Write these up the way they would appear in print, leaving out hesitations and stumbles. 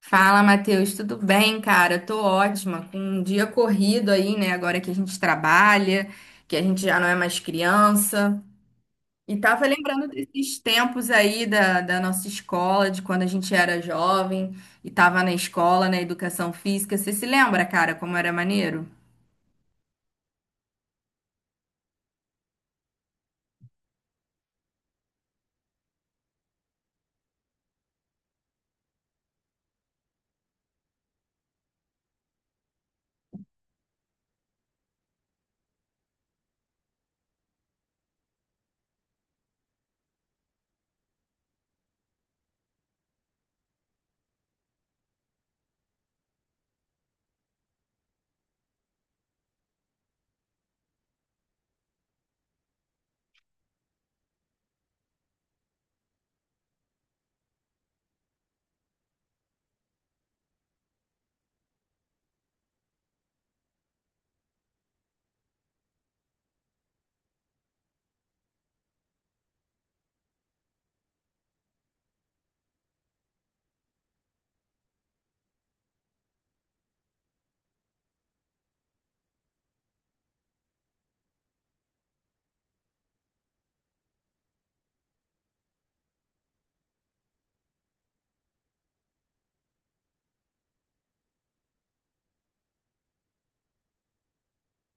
Fala, Matheus, tudo bem, cara? Tô ótima, com um dia corrido aí, né? Agora que a gente trabalha, que a gente já não é mais criança. E tava lembrando desses tempos aí da nossa escola, de quando a gente era jovem e tava na escola, na educação física. Você se lembra, cara, como era maneiro?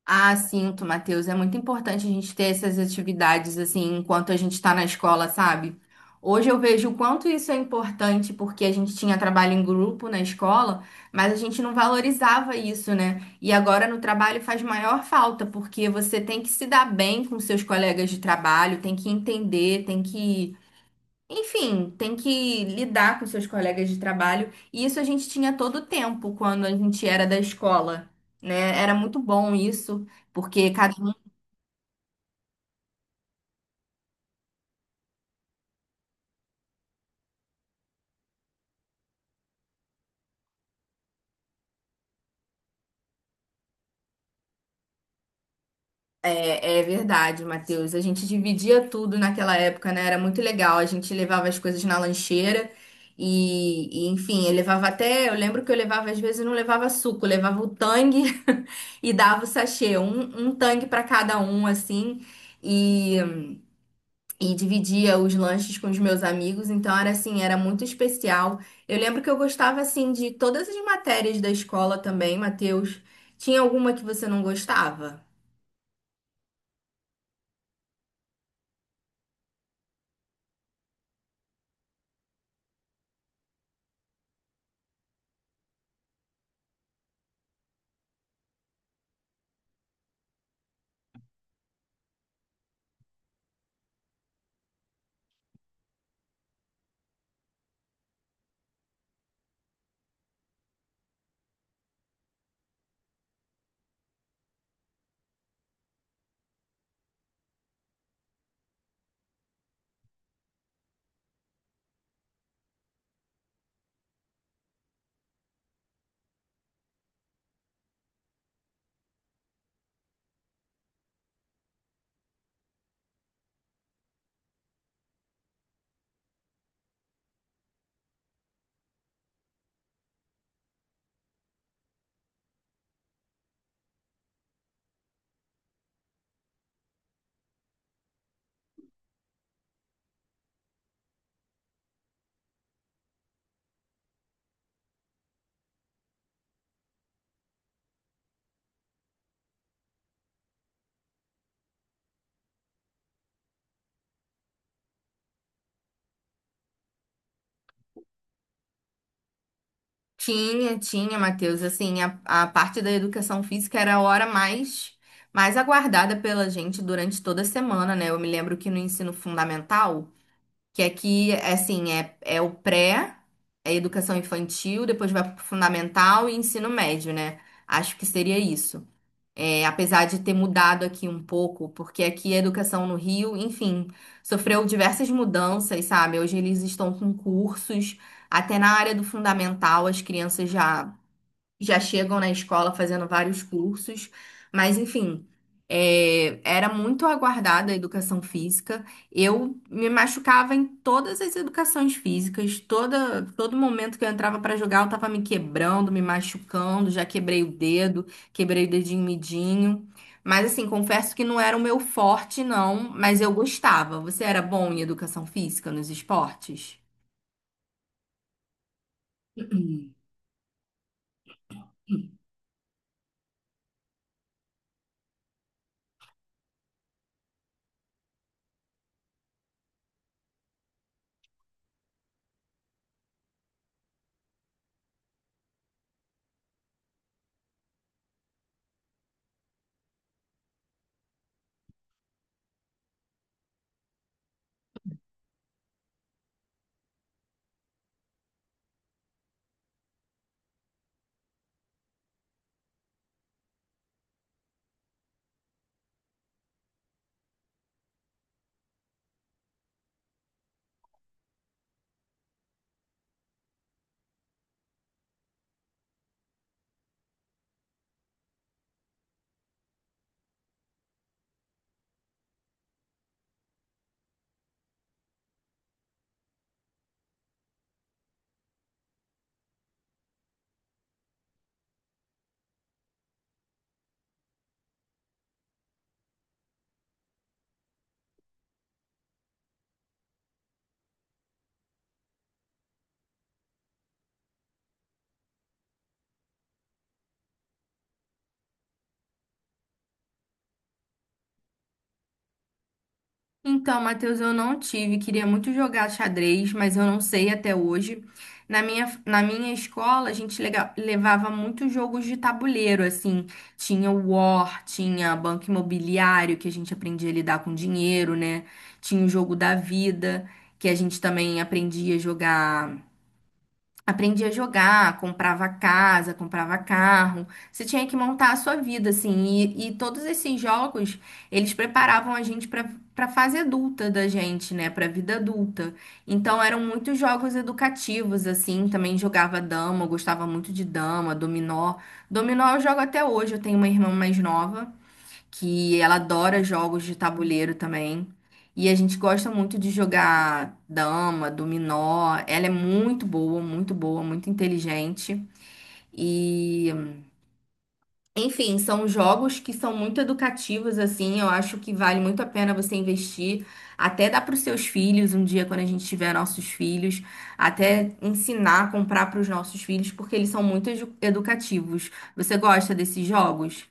Ah, sinto, Matheus. É muito importante a gente ter essas atividades assim enquanto a gente está na escola, sabe? Hoje eu vejo o quanto isso é importante porque a gente tinha trabalho em grupo na escola, mas a gente não valorizava isso, né? E agora no trabalho faz maior falta porque você tem que se dar bem com seus colegas de trabalho, tem que entender, tem que, enfim, tem que lidar com seus colegas de trabalho. E isso a gente tinha todo o tempo quando a gente era da escola, né? Era muito bom isso, porque cada um. É, é verdade, Matheus. A gente dividia tudo naquela época, né? Era muito legal. A gente levava as coisas na lancheira enfim, eu levava até. Eu lembro que eu levava, às vezes, eu não levava suco, eu levava o tangue e dava o sachê, um tangue para cada um, assim. E. e dividia os lanches com os meus amigos, então era assim, era muito especial. Eu lembro que eu gostava assim de todas as matérias da escola também, Matheus. Tinha alguma que você não gostava? Tinha, tinha, Matheus. Assim, a parte da educação física era a hora mais aguardada pela gente durante toda a semana, né? Eu me lembro que no ensino fundamental, que aqui, assim, é, o pré, é educação infantil, depois vai pro fundamental e ensino médio, né? Acho que seria isso. É, apesar de ter mudado aqui um pouco, porque aqui a educação no Rio, enfim, sofreu diversas mudanças, sabe? Hoje eles estão com cursos, até na área do fundamental, as crianças já chegam na escola fazendo vários cursos, mas enfim, era muito aguardada a educação física. Eu me machucava em todas as educações físicas, toda, todo momento que eu entrava para jogar, eu estava me quebrando, me machucando, já quebrei o dedo, quebrei o dedinho midinho. Mas assim, confesso que não era o meu forte, não, mas eu gostava. Você era bom em educação física nos esportes? Então, Matheus, eu não tive, queria muito jogar xadrez, mas eu não sei até hoje. Na minha escola, a gente levava muitos jogos de tabuleiro, assim. Tinha o War, tinha Banco Imobiliário, que a gente aprendia a lidar com dinheiro, né? Tinha o jogo da vida, que a gente também aprendia a jogar. Aprendi a jogar, comprava casa, comprava carro. Você tinha que montar a sua vida, assim. E todos esses jogos, eles preparavam a gente para fase adulta da gente, né? Para vida adulta. Então eram muitos jogos educativos, assim. Também jogava dama, eu gostava muito de dama, dominó. Dominó eu jogo até hoje. Eu tenho uma irmã mais nova que ela adora jogos de tabuleiro também. E a gente gosta muito de jogar dama, dominó. Ela é muito boa, muito boa, muito inteligente. E, enfim, são jogos que são muito educativos, assim. Eu acho que vale muito a pena você investir, até dar para os seus filhos um dia, quando a gente tiver nossos filhos, até ensinar, comprar para os nossos filhos, porque eles são muito edu- educativos. Você gosta desses jogos?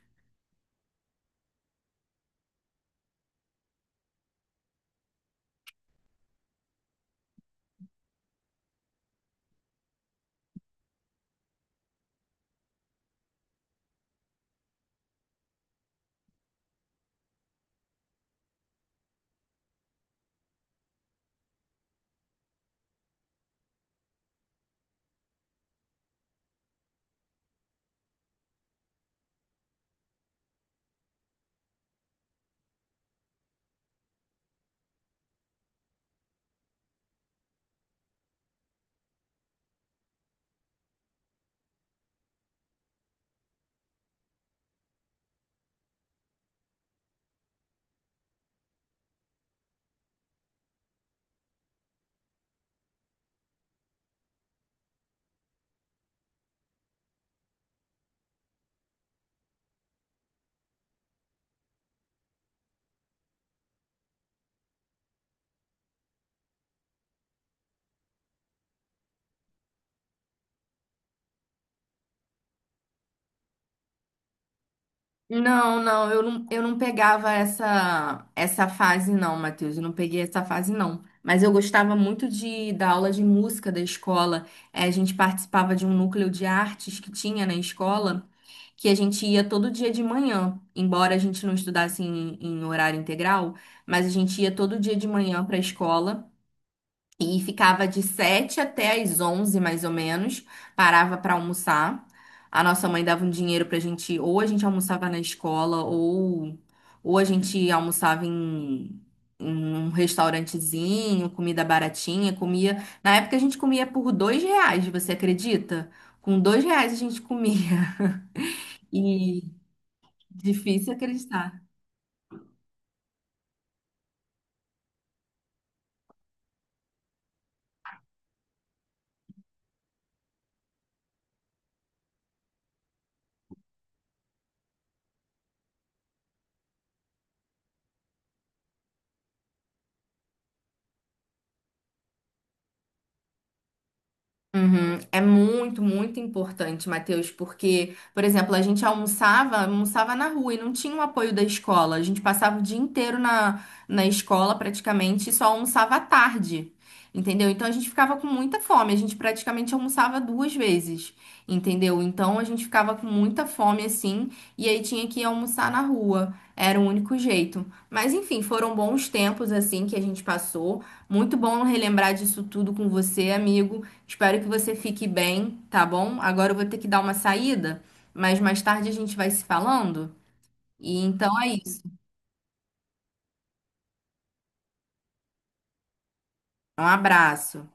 Não, não, eu não pegava essa fase não, Matheus, eu não peguei essa fase não. Mas eu gostava muito de da aula de música da escola. A gente participava de um núcleo de artes que tinha na escola, que a gente ia todo dia de manhã, embora a gente não estudasse em horário integral, mas a gente ia todo dia de manhã para a escola. E ficava de 7h até as 11h mais ou menos. Parava para almoçar. A nossa mãe dava um dinheiro pra gente, ou a gente almoçava na escola, ou a gente almoçava em um restaurantezinho, comida baratinha, comia. Na época a gente comia por R$ 2, você acredita? Com R$ 2 a gente comia. E difícil acreditar. Uhum. É muito, muito importante, Matheus, porque, por exemplo, a gente almoçava na rua e não tinha o apoio da escola. A gente passava o dia inteiro na escola praticamente e só almoçava à tarde, entendeu? Então a gente ficava com muita fome, a gente praticamente almoçava duas vezes, entendeu? Então a gente ficava com muita fome assim e aí tinha que ir almoçar na rua. Era o único jeito. Mas enfim, foram bons tempos assim que a gente passou. Muito bom relembrar disso tudo com você, amigo. Espero que você fique bem, tá bom? Agora eu vou ter que dar uma saída, mas mais tarde a gente vai se falando. E então é isso. Um abraço.